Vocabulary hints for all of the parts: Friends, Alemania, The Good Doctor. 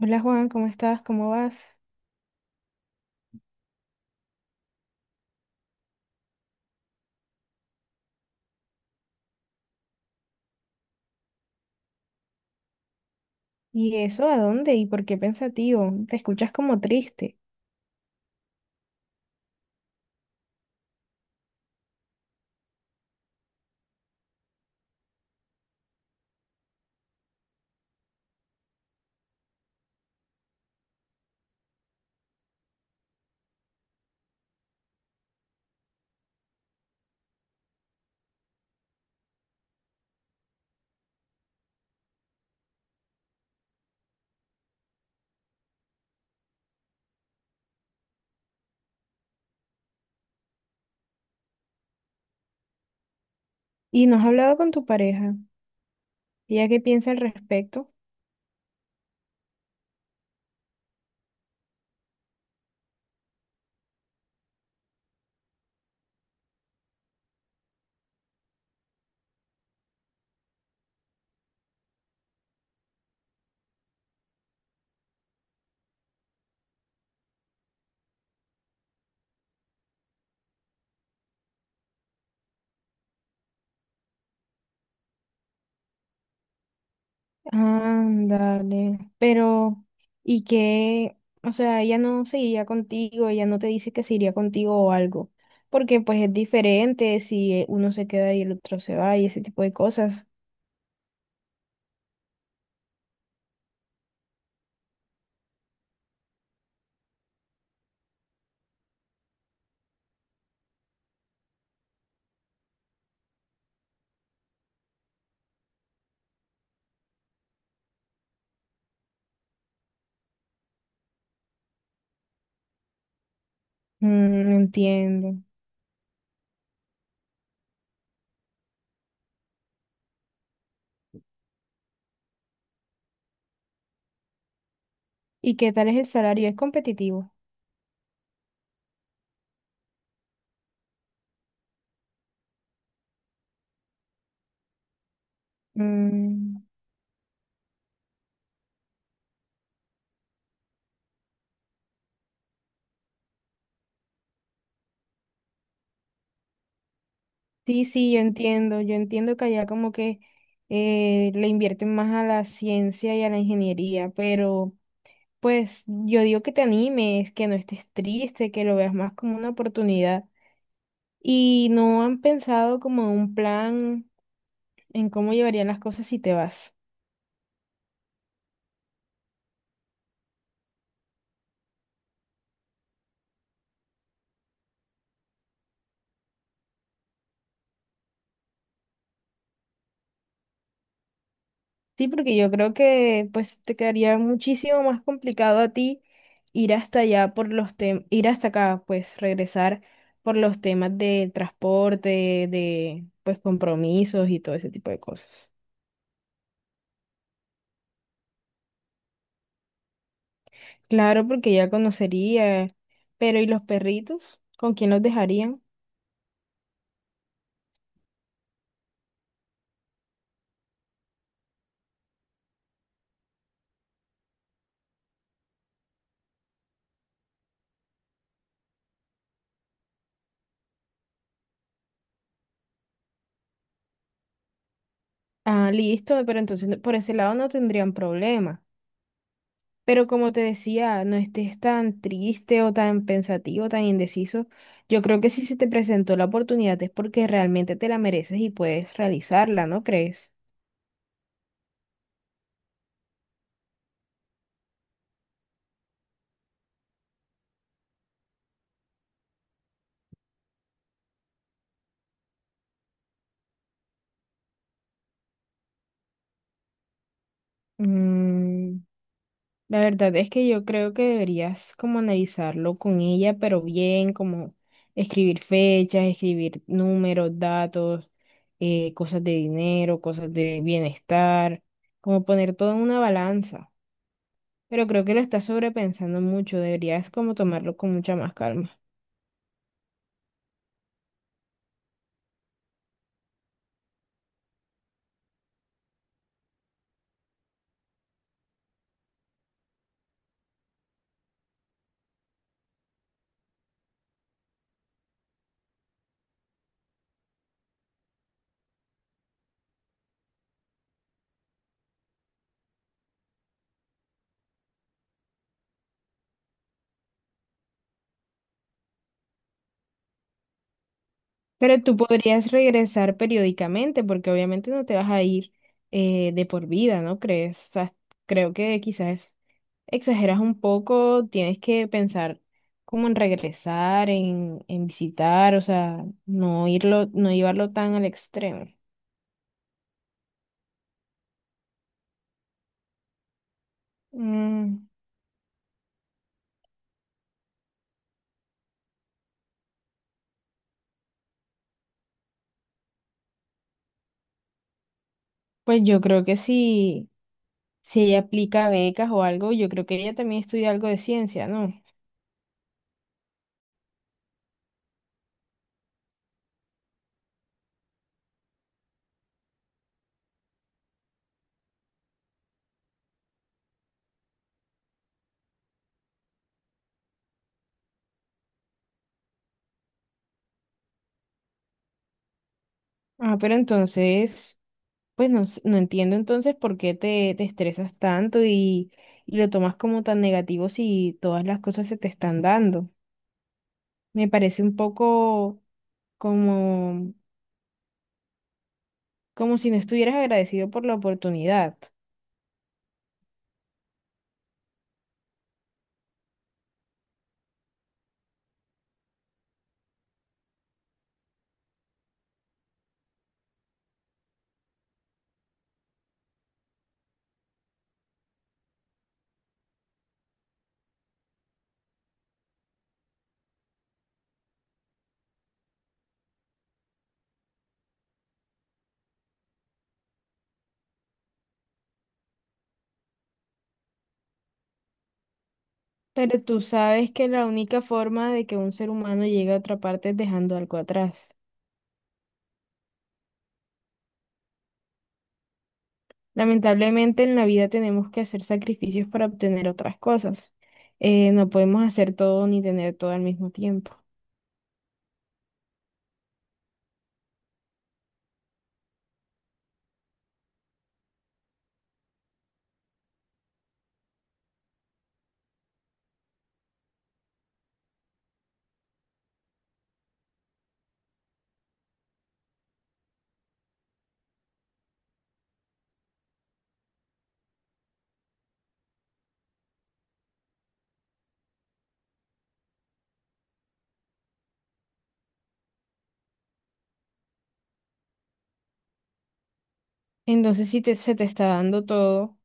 Hola Juan, ¿cómo estás? ¿Cómo vas? ¿Y eso a dónde? ¿Y por qué pensativo? Te escuchas como triste. ¿Y no has hablado con tu pareja? ¿Ella qué piensa al respecto? Ándale. Pero, ¿y qué? O sea, ella no se iría contigo, ella no te dice que se iría contigo o algo. Porque pues es diferente si uno se queda y el otro se va y ese tipo de cosas. Mm, entiendo. ¿Y qué tal es el salario? ¿Es competitivo? Mm. Sí, sí, yo entiendo que allá como que le invierten más a la ciencia y a la ingeniería, pero pues yo digo que te animes, que no estés triste, que lo veas más como una oportunidad. Y no han pensado como en un plan en cómo llevarían las cosas si te vas. Sí, porque yo creo que pues te quedaría muchísimo más complicado a ti ir hasta allá por los temas, ir hasta acá, pues regresar por los temas de transporte, de pues compromisos y todo ese tipo de cosas. Claro, porque ya conocería, pero ¿y los perritos? ¿Con quién los dejarían? Ah, listo, pero por ese lado no tendrían problema. Pero como te decía, no estés tan triste o tan pensativo, tan indeciso. Yo creo que si se te presentó la oportunidad es porque realmente te la mereces y puedes realizarla, ¿no crees? Mm. La verdad es que yo creo que deberías como analizarlo con ella, pero bien, como escribir fechas, escribir números, datos, cosas de dinero, cosas de bienestar, como poner todo en una balanza. Pero creo que lo estás sobrepensando mucho, deberías como tomarlo con mucha más calma. Pero tú podrías regresar periódicamente, porque obviamente no te vas a ir de por vida, ¿no crees? O sea, creo que quizás exageras un poco, tienes que pensar como en regresar, en visitar, o sea, no irlo, no llevarlo tan al extremo. Mm, pues yo creo que si, si ella aplica becas o algo, yo creo que ella también estudia algo de ciencia, ¿no? Ah, pero entonces pues no, no entiendo entonces por qué te estresas tanto y lo tomas como tan negativo si todas las cosas se te están dando. Me parece un poco como, como si no estuvieras agradecido por la oportunidad. Pero tú sabes que la única forma de que un ser humano llegue a otra parte es dejando algo atrás. Lamentablemente en la vida tenemos que hacer sacrificios para obtener otras cosas. No podemos hacer todo ni tener todo al mismo tiempo. Entonces, si se te está dando todo.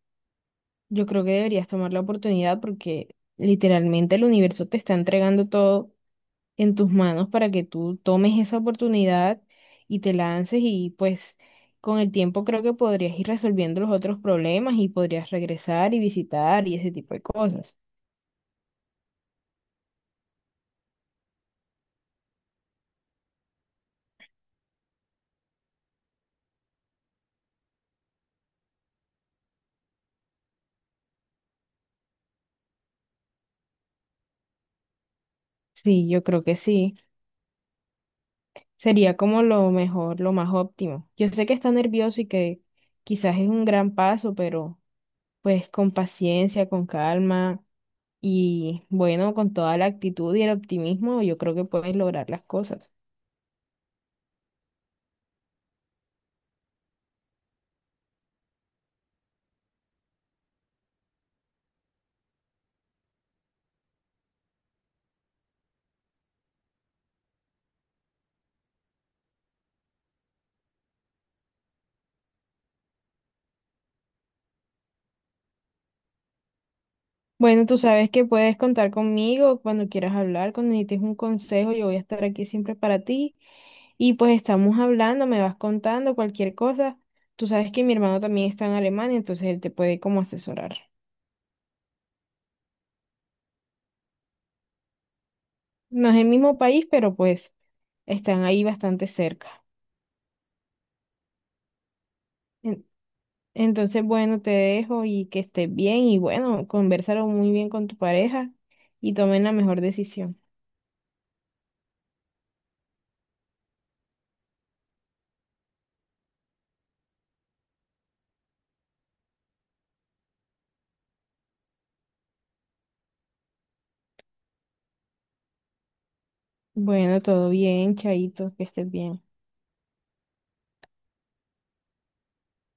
Yo creo que deberías tomar la oportunidad porque literalmente el universo te está entregando todo en tus manos para que tú tomes esa oportunidad y te lances y pues con el tiempo creo que podrías ir resolviendo los otros problemas y podrías regresar y visitar y ese tipo de cosas. Sí, yo creo que sí. Sería como lo mejor, lo más óptimo. Yo sé que está nervioso y que quizás es un gran paso, pero pues con paciencia, con calma. Y bueno, con toda la actitud y el optimismo, yo creo que puedes lograr las cosas. Bueno, tú sabes que puedes contar conmigo cuando quieras hablar, cuando necesites un consejo, yo voy a estar aquí siempre para ti. Y pues estamos hablando, me vas contando cualquier cosa. Tú sabes que mi hermano también está en Alemania, entonces él te puede como asesorar. No es el mismo país, pero pues están ahí bastante cerca. Entonces, bueno, te dejo y que estés bien y bueno, conversaron muy bien con tu pareja y tomen la mejor decisión. Bueno, todo bien, Chaito, que estés bien.